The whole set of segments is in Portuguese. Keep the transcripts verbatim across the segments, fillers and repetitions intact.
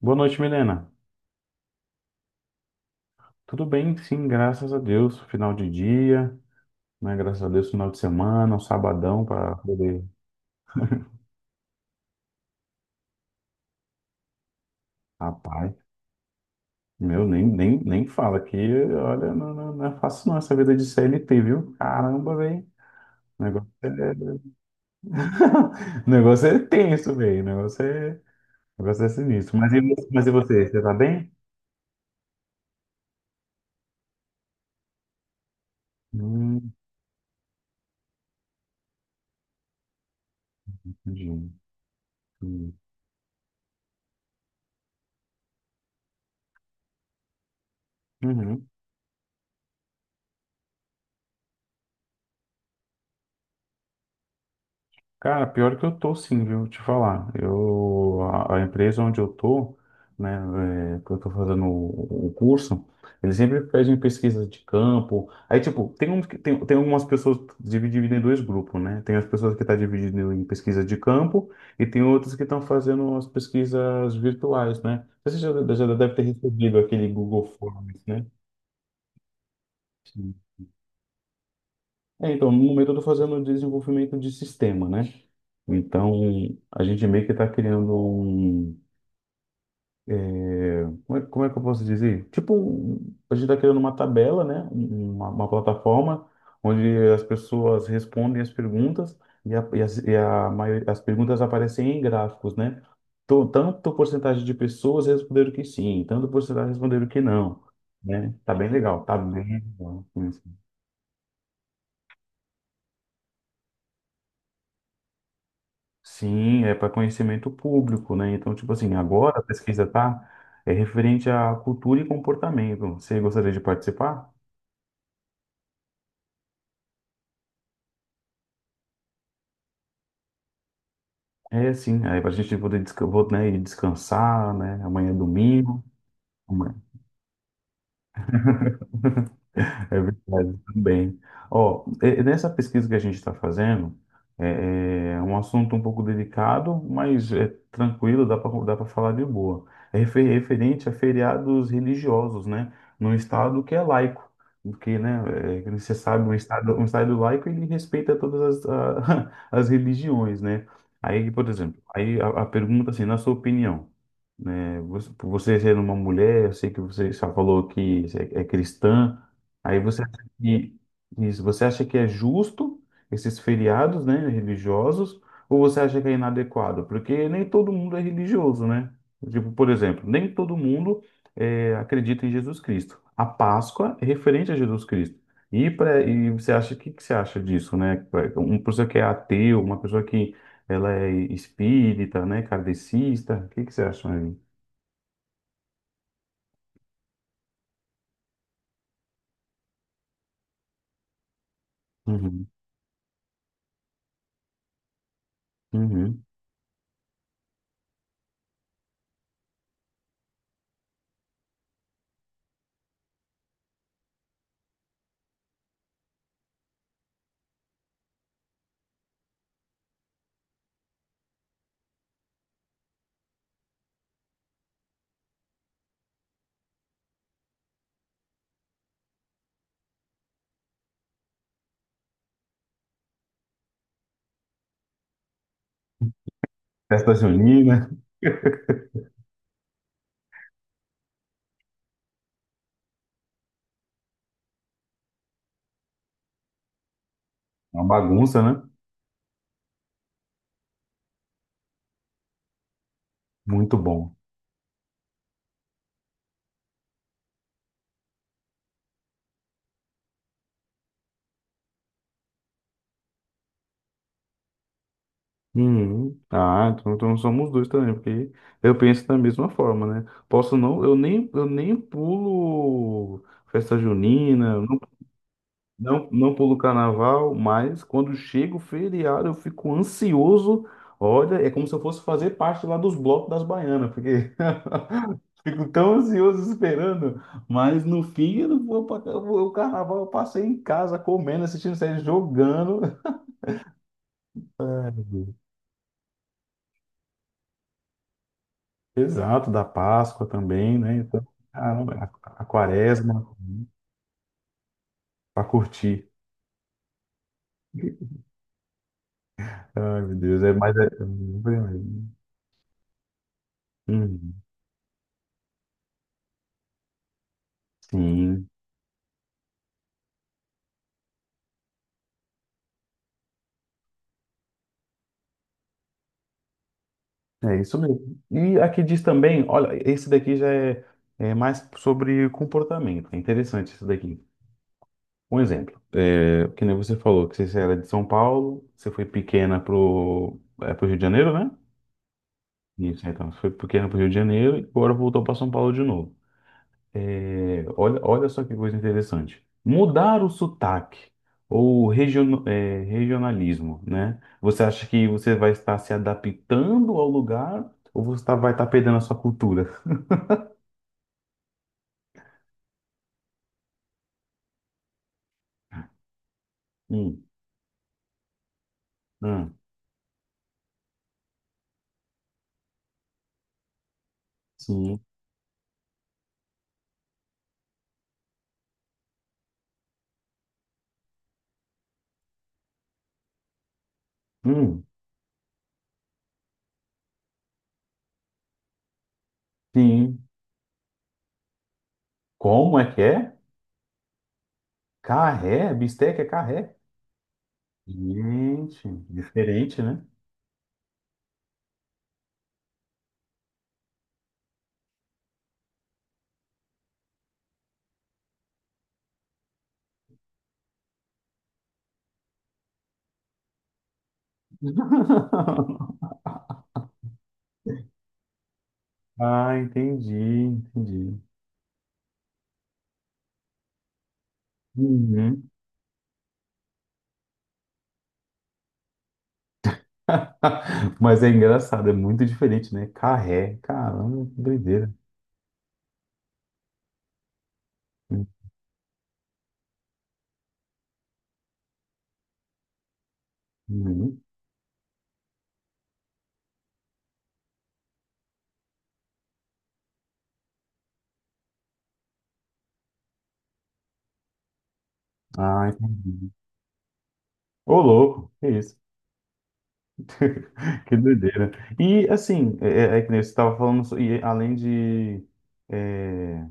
Boa noite, Milena. Tudo bem? Sim, graças a Deus. Final de dia, né? Graças a Deus, final de semana, um sabadão para poder. Rapaz, meu, nem, nem, nem fala que, olha, não, não, não é fácil não essa vida de C L T, viu? Caramba, velho. O negócio é... o negócio é tenso, velho. O negócio é... o negócio é sinistro. Mas e, você- mas e você? Você tá bem? Hum, entendi. Uhum. Cara, pior que eu tô sim, viu? Te falar. Eu, a, a empresa onde eu tô, né, é, que eu tô fazendo o, o curso, eles sempre pedem pesquisa de campo. Aí, tipo, tem, uns que- tem, tem algumas pessoas divididas em dois grupos, né? Tem as pessoas que estão tá divididas em pesquisa de campo e tem outras que estão fazendo as pesquisas virtuais, né? Você já, já deve ter recebido aquele Google Forms, né? É, então, no momento eu estou fazendo desenvolvimento de sistema, né? Então, a gente meio que está criando um. é, como é, como é que eu posso dizer? Tipo, um- a gente está criando uma tabela, né? Um- Uma, uma plataforma onde as pessoas respondem as perguntas e, a, e, as, e a maior- as perguntas aparecem em gráficos, né? Então, tanto porcentagem de pessoas responderam que sim, tanto porcentagem responderam que não, né? Tá bem legal, tá bem legal. Sim, é para conhecimento público, né? Então, tipo assim, agora a pesquisa tá é referente à cultura e comportamento. Você gostaria de participar? É, sim. Aí para a gente poder desca- vou, né, ir descansar, né? Amanhã é domingo. Amanhã. É verdade, também. Ó, e- e nessa pesquisa que a gente está fazendo, é, é um assunto um pouco delicado, mas é tranquilo, dá para dá para falar de boa. É refe- referente a feriados religiosos, né? Num estado que é laico, porque, né, é, que você sabe, um estado, um estado laico, ele respeita todas as, a- as religiões, né? Aí, por exemplo, aí a, a pergunta assim, na sua opinião, né? Você, por você ser uma mulher, eu sei que você só falou que é, é cristã. Aí você acha que, isso, você acha que é justo esses feriados, né, religiosos, ou você acha que é inadequado? Porque nem todo mundo é religioso, né? Tipo, por exemplo, nem todo mundo é, acredita em Jesus Cristo. A Páscoa é referente a Jesus Cristo. E, pra, e você acha, o que, que você acha disso, né? Uma pessoa que é ateu, uma pessoa que ela é espírita, né? Kardecista, o que, que você acha aí? Uhum, uhum. Festa junina, é uma bagunça, né? Muito bom. Uhum. Ah, então, então somos dois também, porque eu penso da mesma forma, né? Posso não, eu nem, eu nem pulo festa junina. Não, não pulo carnaval, mas quando chega o feriado eu fico ansioso. Olha, é como se eu fosse fazer parte lá dos blocos das baianas, porque fico tão ansioso esperando. Mas no fim eu não vou pra, eu vou, o carnaval eu passei em casa comendo, assistindo série, jogando. É, exato, da Páscoa também, né? Então, caramba, a, a Quaresma para curtir. Ai, meu Deus, é mais. É... Hum, sim. É isso mesmo. E aqui diz também, olha, esse daqui já é, é mais sobre comportamento. É interessante isso daqui. Um exemplo, é, que nem você falou, que você era de São Paulo, você foi pequena pro, é, pro Rio de Janeiro, né? Isso, então, você foi pequena pro Rio de Janeiro e agora voltou para São Paulo de novo. É, olha, olha só que coisa interessante. Mudar o sotaque ou region, é, regionalismo, né? Você acha que você vai estar se adaptando ao lugar ou você tá- vai estar perdendo a sua cultura? Hum, hum, sim, hum, sim. Como é que é? Carré? Bisteca é carré? Gente, diferente, né? Ah, entendi, entendi. Uhum. Mas é engraçado, é muito diferente, né? Carré, caramba, que doideira. Uhum. Ah, entendi. Ô, louco, que isso? Que doideira. E assim, é, é é que nem você estava falando, so- e além de. é,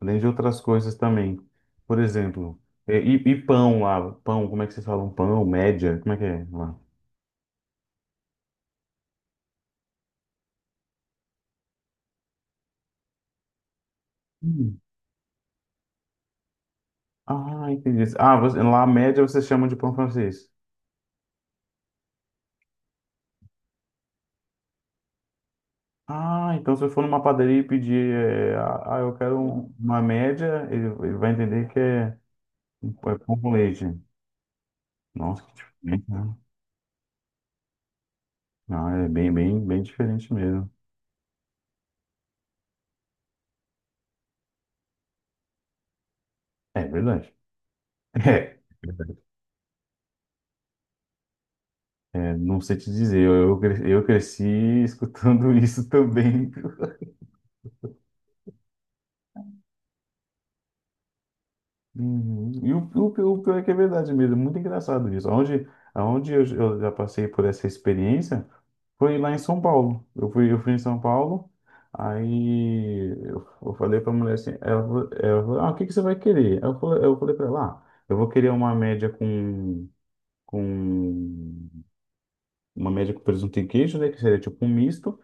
além de outras coisas também. Por exemplo, é, e, e pão lá, pão, como é que vocês falam? Pão, média, como é que é lá? Hum. Ah, entendi. Ah, você- lá a média vocês chamam de pão francês. Ah, então se eu for numa padaria e pedir, é, ah, eu quero um- uma média, ele, ele vai entender que é, é pão com leite. Nossa, que diferente, né? Ah, é bem, bem, bem diferente mesmo. É verdade. É, é, não sei te dizer, eu, eu, cre- eu cresci escutando isso também. Uhum. E o, o, o pior é que é verdade mesmo, é muito engraçado isso. aonde aonde eu, eu já passei por essa experiência foi lá em São Paulo. Eu fui, eu fui em São Paulo, aí eu, eu falei para a mulher assim, ela, falou- ela falou, ah, o que que você vai querer? Eu falei, eu falei para ela, ah, eu vou querer uma média com, com uma média com presunto e queijo, né, que seria tipo um misto,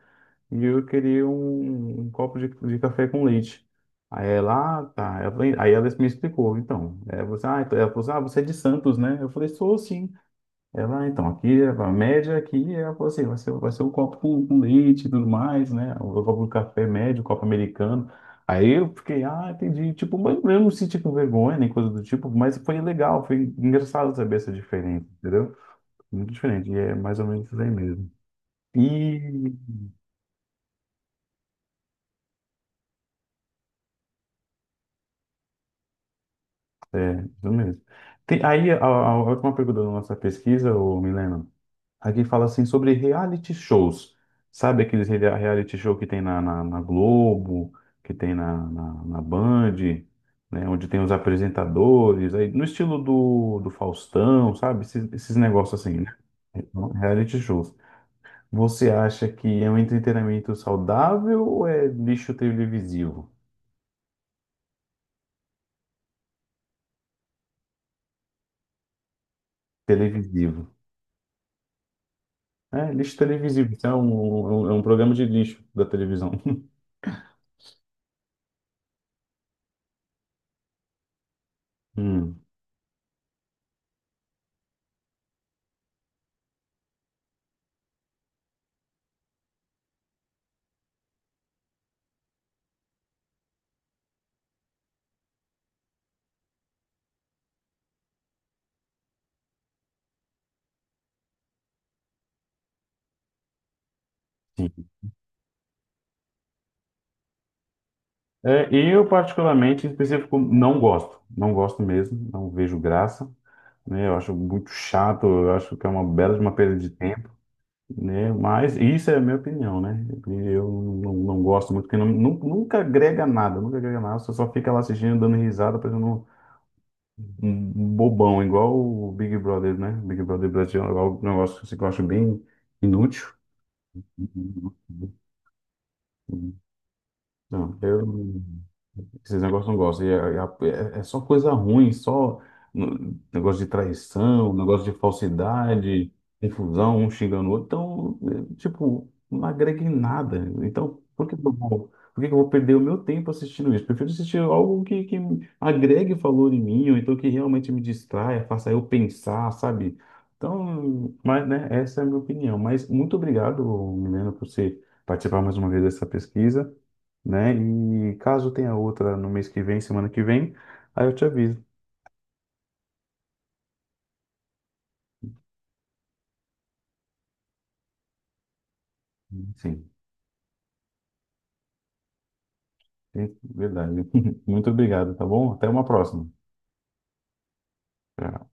e eu queria um, um copo de, de café com leite. Aí ela, ah, tá. Ela falou- Aí ela me explicou, então. É, você, ah, então- ela falou assim, ah, você é de Santos, né? Eu falei, sou sim. Ela, "Ah, então, aqui, é a média aqui", ela falou assim, vai ser, vai ser um copo com, com leite e tudo mais, né? O copo de café médio, copo americano. Aí eu fiquei, ah, entendi. Tipo, mas eu não senti com vergonha nem coisa do tipo, mas foi legal, foi engraçado saber essa diferença, entendeu? Muito diferente, e é mais ou menos isso aí mesmo. E é, isso mesmo. Tem, aí, a, a a última pergunta da nossa pesquisa, ô Milena, aqui fala assim sobre reality shows. Sabe aqueles rea- reality show que tem na, na, na, Globo, que tem na, na, na Band, né, onde tem os apresentadores, aí, no estilo do, do Faustão, sabe? Esses, esses negócios assim, né? Então, reality shows. Você acha que é um entretenimento saudável ou é lixo televisivo? Televisivo. É, lixo televisivo. Isso é um, um- é um programa de lixo da televisão. Hum, sim. É, eu, particularmente, em específico, não gosto. Não gosto mesmo, não vejo graça. Né? Eu acho muito chato, eu acho que é uma bela de uma perda de tempo. Né? Mas isso é a minha opinião, né? Eu não, não gosto muito, porque não, nu- nunca agrega nada, nunca agrega nada. Você só fica lá assistindo, dando risada, parecendo um, um bobão, igual o Big Brother, né? Big Brother Brasil é um negócio que eu acho bem inútil. Hum. Não, eu, não- esses negócios não gosto. E É, é- é é só coisa ruim, só hum, negócio de traição, negócio de falsidade, confusão, um xingando o outro. Então, é, tipo, não agrega em nada. Então, por que que eu vou, por que que eu vou perder o meu tempo assistindo isso? Prefiro assistir algo que, que agregue valor em mim, ou então que realmente me distraia, faça eu pensar, sabe? Então, mas, né, essa é a minha opinião. Mas muito obrigado, Milena, por você participar mais uma vez dessa pesquisa, né? E caso tenha outra no mês que vem, semana que vem, aí eu te aviso. Sim, é verdade. Muito obrigado, tá bom? Até uma próxima. Tchau.